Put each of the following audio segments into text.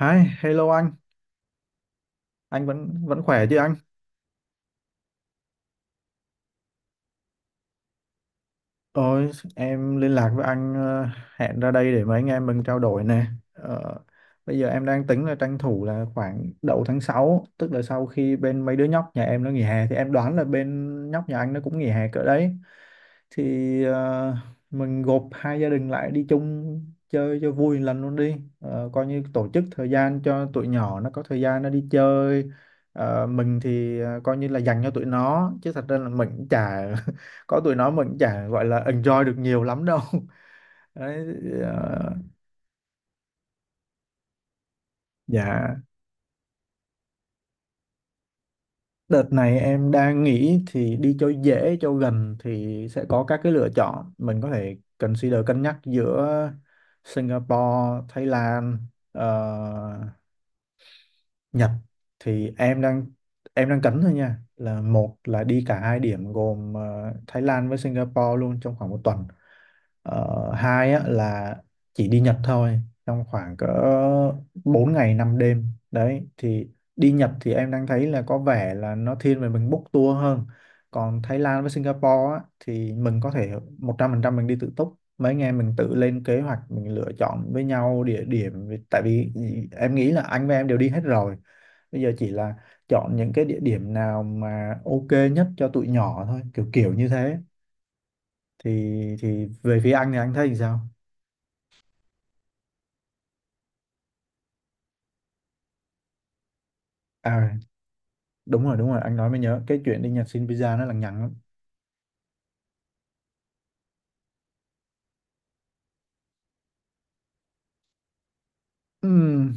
Hi, hello anh vẫn vẫn khỏe chứ anh? Ôi, em liên lạc với anh, hẹn ra đây để mấy anh em mình trao đổi nè. Ờ, Bây giờ em đang tính là tranh thủ là khoảng đầu tháng 6, tức là sau khi bên mấy đứa nhóc nhà em nó nghỉ hè thì em đoán là bên nhóc nhà anh nó cũng nghỉ hè cỡ đấy. Thì mình gộp hai gia đình lại đi chung chơi cho vui một lần luôn đi. Ờ, coi như tổ chức thời gian cho tụi nhỏ nó có thời gian nó đi chơi. Ờ, mình thì coi như là dành cho tụi nó chứ thật ra là mình cũng chả có tụi nó mình chả gọi là enjoy được nhiều lắm đâu Đấy, ờ, dạ, đợt này em đang nghĩ thì đi cho dễ cho gần thì sẽ có các cái lựa chọn mình có thể consider cân nhắc giữa Singapore, Thái Lan, ờ, Nhật. Thì em đang, em đang cấn thôi nha, là một là đi cả hai điểm gồm Thái Lan với Singapore luôn trong khoảng một tuần. Ờ, hai á, là chỉ đi Nhật thôi trong khoảng cỡ 4 ngày 5 đêm đấy. Thì đi Nhật thì em đang thấy là có vẻ là nó thiên về mình book tour hơn, còn Thái Lan với Singapore á, thì mình có thể 100% mình đi tự túc, mấy anh em mình tự lên kế hoạch, mình lựa chọn với nhau địa điểm tại vì em nghĩ là anh với em đều đi hết rồi, bây giờ chỉ là chọn những cái địa điểm nào mà ok nhất cho tụi nhỏ thôi, kiểu kiểu như thế. thì thì về phía anh thì anh thấy thì sao? À đúng rồi, đúng rồi, anh nói mới nhớ cái chuyện đi Nhật xin visa nó lằng nhằng lắm. Ừm,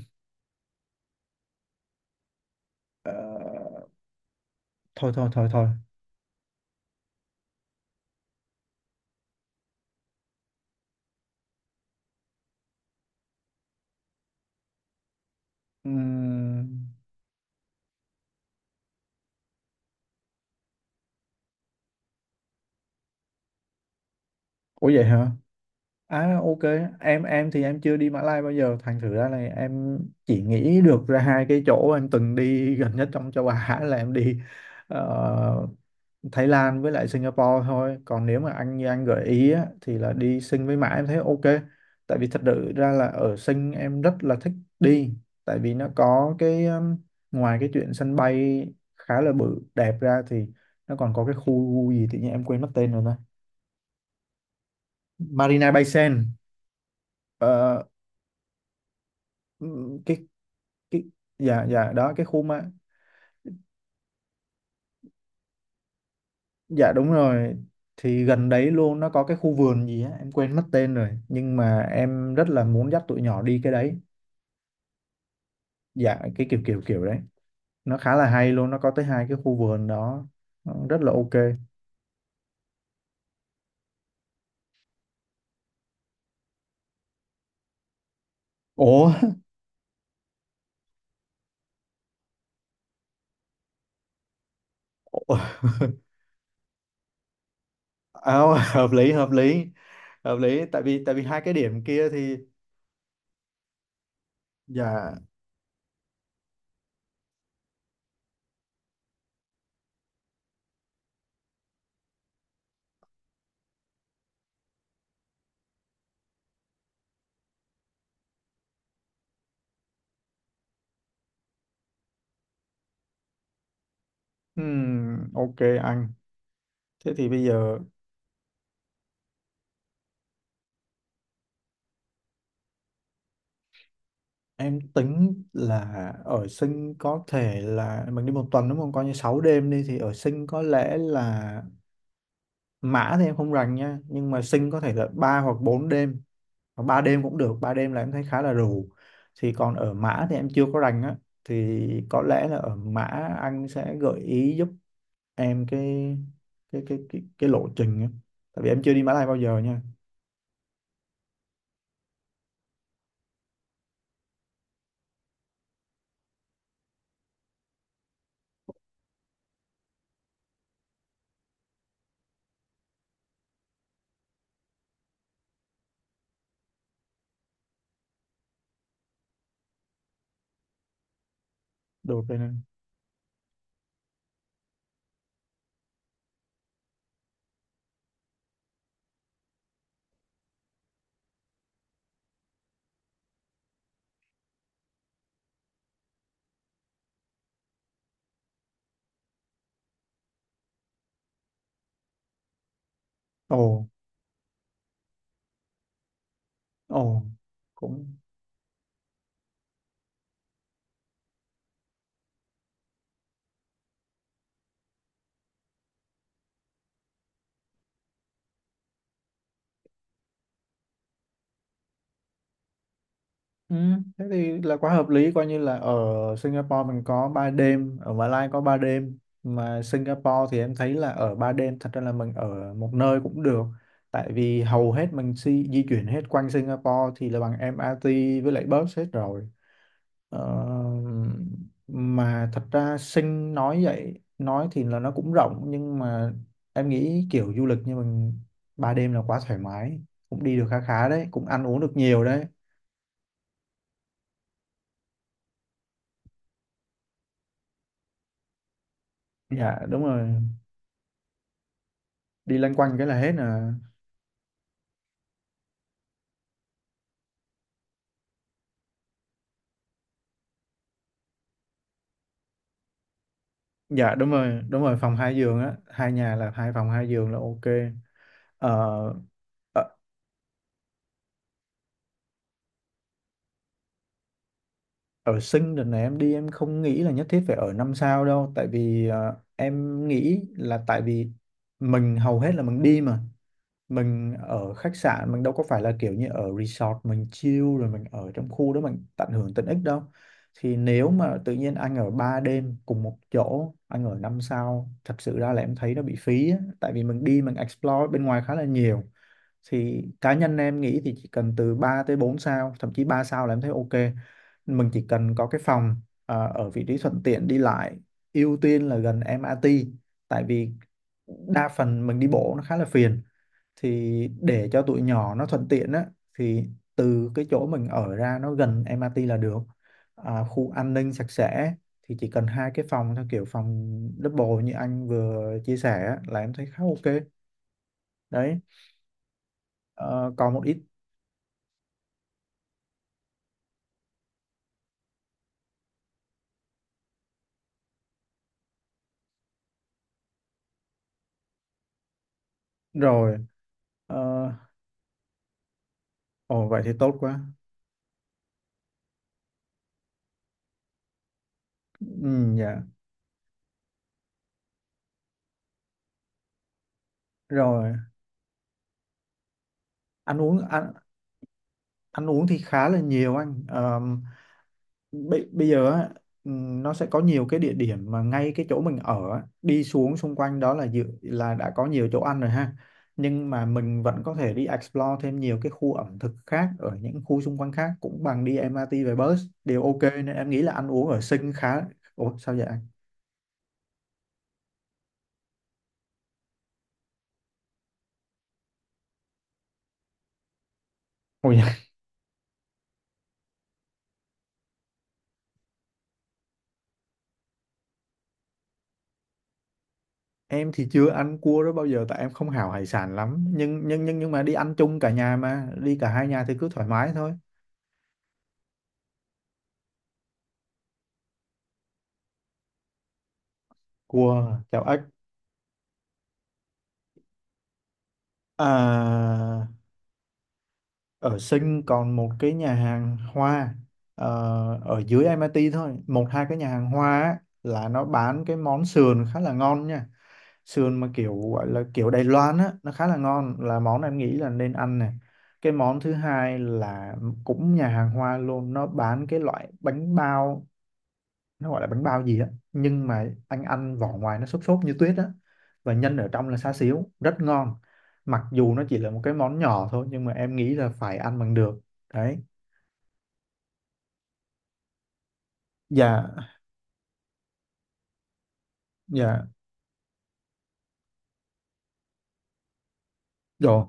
ờ, thôi thôi thôi thôi Ừm, ủa vậy hả, à ok. Em thì em chưa đi Mã Lai bao giờ thành thử ra là em chỉ nghĩ được ra hai cái chỗ em từng đi gần nhất trong châu Á là em đi ờ, Thái Lan với lại Singapore thôi. Còn nếu mà anh như anh gợi ý á, thì là đi Sing với Mã em thấy ok. Tại vì thật sự ra là ở Sing em rất là thích đi, tại vì nó có cái, ngoài cái chuyện sân bay khá là bự đẹp ra thì nó còn có cái khu gì tự nhiên em quên mất tên rồi ta. Marina Bay Sands. Ờ, cái cái, dạ dạ đó cái khu mà, dạ đúng rồi, thì gần đấy luôn nó có cái khu vườn gì á em quên mất tên rồi nhưng mà em rất là muốn dắt tụi nhỏ đi cái đấy. Dạ cái kiểu kiểu kiểu đấy, nó khá là hay luôn, nó có tới hai cái khu vườn đó. Nó rất là ok. Ủa à, hợp lý, hợp lý tại vì hai cái điểm kia thì, dạ ok anh. Thế thì bây giờ em tính là ở Sinh có thể là mình đi một tuần, đúng không, coi như 6 đêm đi, thì ở Sinh có lẽ là, Mã thì em không rành nha, nhưng mà Sinh có thể là 3 hoặc 4 đêm. Hoặc ba đêm cũng được, ba đêm là em thấy khá là rù. Thì còn ở Mã thì em chưa có rành á, thì có lẽ là ở Mã anh sẽ gợi ý giúp em cái, cái lộ trình á, tại vì em chưa đi Mã Lai bao giờ nha. Được rồi nè. Ồ, ồ, cũng, Ừ, thế thì là quá hợp lý, coi như là ở Singapore mình có 3 đêm, ở Mã Lai có 3 đêm, mà Singapore thì em thấy là ở 3 đêm thật ra là mình ở một nơi cũng được. Tại vì hầu hết mình di chuyển hết quanh Singapore thì là bằng MRT với lại bus hết rồi. ờ, mà thật ra Sing nói vậy, nói thì là nó cũng rộng nhưng mà em nghĩ kiểu du lịch như mình, 3 đêm là quá thoải mái, cũng đi được khá khá đấy, cũng ăn uống được nhiều đấy. Dạ đúng rồi, đi loanh quanh cái là hết à. Dạ đúng rồi, đúng rồi, phòng hai giường á, hai nhà là hai phòng hai giường là ok. ờ, ở, Ở Sinh đợt này em đi em không nghĩ là nhất thiết phải ở năm sao đâu, tại vì em nghĩ là, tại vì mình hầu hết là mình đi mà, mình ở khách sạn mình đâu có phải là kiểu như ở resort mình chill rồi mình ở trong khu đó mình tận hưởng tiện ích đâu. Thì nếu mà tự nhiên anh ở 3 đêm cùng một chỗ, anh ở 5 sao, thật sự ra là em thấy nó bị phí á. Tại vì mình đi mình explore bên ngoài khá là nhiều. Thì cá nhân em nghĩ thì chỉ cần từ 3 tới 4 sao, thậm chí 3 sao là em thấy ok. Mình chỉ cần có cái phòng à, ở vị trí thuận tiện đi lại, ưu tiên là gần MRT. Tại vì đa phần mình đi bộ nó khá là phiền, thì để cho tụi nhỏ nó thuận tiện á, thì từ cái chỗ mình ở ra nó gần MRT là được. À, khu an ninh sạch sẽ, thì chỉ cần hai cái phòng theo kiểu phòng double như anh vừa chia sẻ á, là em thấy khá ok. Đấy, ờ, còn một ít. Rồi, ờ, ồ vậy thì tốt quá. Ừ, dạ, rồi. ăn uống ăn, ăn uống thì khá là nhiều anh. Ờ, bây bây giờ á, nó sẽ có nhiều cái địa điểm mà ngay cái chỗ mình ở á, đi xuống xung quanh đó là dự là đã có nhiều chỗ ăn rồi ha. Nhưng mà mình vẫn có thể đi explore thêm nhiều cái khu ẩm thực khác ở những khu xung quanh khác cũng bằng đi MRT về bus đều ok, nên em nghĩ là ăn uống ở Sing khá. Ủa sao vậy anh? Ôi dạ. Em thì chưa ăn cua đó bao giờ tại em không hảo hải sản lắm, nhưng mà đi ăn chung cả nhà mà đi cả hai nhà thì cứ thoải mái thôi. Cua chảo ếch. À, ở Sinh còn một cái nhà hàng hoa ờ, ở dưới MIT thôi, một hai cái nhà hàng hoa á, là nó bán cái món sườn khá là ngon nha. Sườn mà kiểu gọi là kiểu Đài Loan á, nó khá là ngon, là món em nghĩ là nên ăn này. Cái món thứ hai là cũng nhà hàng hoa luôn, nó bán cái loại bánh bao, nó gọi là bánh bao gì á, nhưng mà anh ăn vỏ ngoài nó xốp xốp như tuyết á, và nhân ở trong là xá xíu rất ngon. Mặc dù nó chỉ là một cái món nhỏ thôi nhưng mà em nghĩ là phải ăn bằng được. Đấy. Dạ dạ Rồi,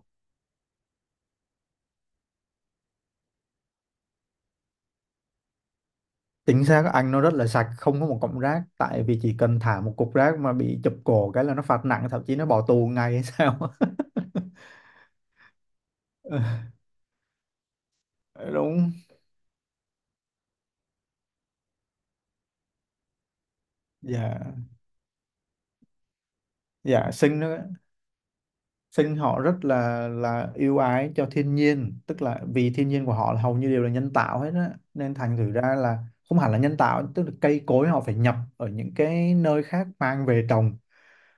chính xác anh, nó rất là sạch, không có một cọng rác, tại vì chỉ cần thả một cục rác mà bị chụp cổ cái là nó phạt nặng, thậm chí nó bỏ tù ngay hay sao. Ờ, đúng. Dạ dạ xinh nữa. Sinh họ rất là yêu ái cho thiên nhiên, tức là vì thiên nhiên của họ là hầu như đều là nhân tạo hết á, nên thành thử ra là không hẳn là nhân tạo, tức là cây cối họ phải nhập ở những cái nơi khác mang về trồng.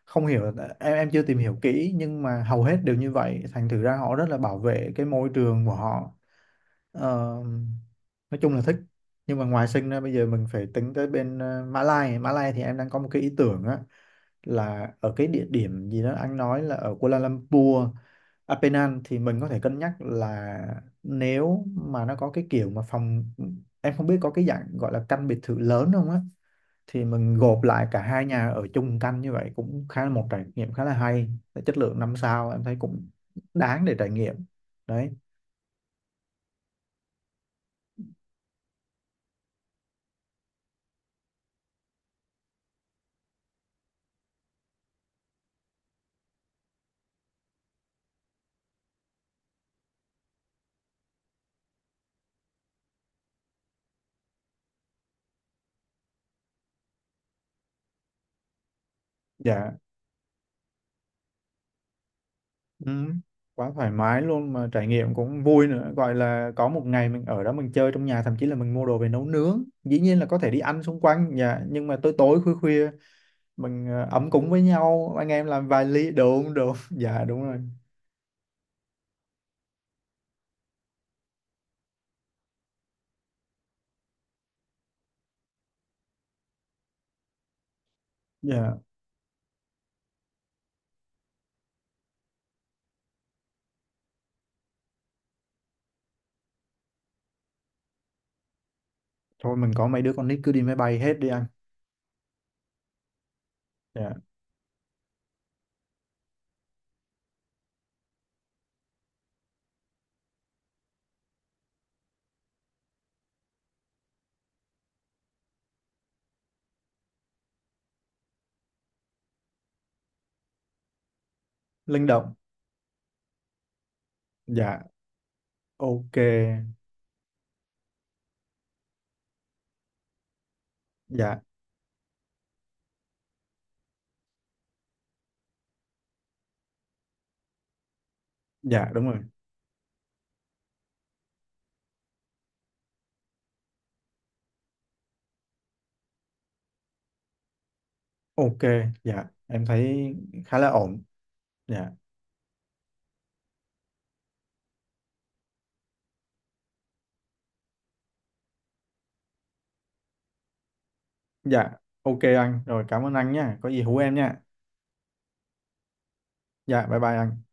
Không hiểu, em chưa tìm hiểu kỹ nhưng mà hầu hết đều như vậy, thành thử ra họ rất là bảo vệ cái môi trường của họ. Ờ, nói chung là thích. Nhưng mà ngoài Sinh ra, bây giờ mình phải tính tới bên Mã Lai. Mã Lai thì em đang có một cái ý tưởng á, là ở cái địa điểm gì đó anh nói là ở Kuala Lumpur, à, Penang, thì mình có thể cân nhắc là nếu mà nó có cái kiểu mà phòng, em không biết có cái dạng gọi là căn biệt thự lớn không á, thì mình gộp lại cả hai nhà ở chung căn như vậy cũng khá là một trải nghiệm khá là hay. Chất lượng năm sao em thấy cũng đáng để trải nghiệm. Đấy. Dạ. Ừ, quá thoải mái luôn, mà trải nghiệm cũng vui nữa, gọi là có một ngày mình ở đó mình chơi trong nhà, thậm chí là mình mua đồ về nấu nướng, dĩ nhiên là có thể đi ăn xung quanh nhà nhưng mà tối tối khuya khuya mình ấm cúng với nhau, anh em làm vài ly đồ, đúng đúng dạ đúng rồi. Dạ, thôi mình có mấy đứa con nít cứ đi máy bay hết đi anh. Dạ linh động. Dạ ok. Dạ dạ đúng rồi. Ok. Dạ em thấy khá là ổn. Dạ. Dạ ok anh, rồi cảm ơn anh nha, có gì hú em nha. Dạ bye bye anh.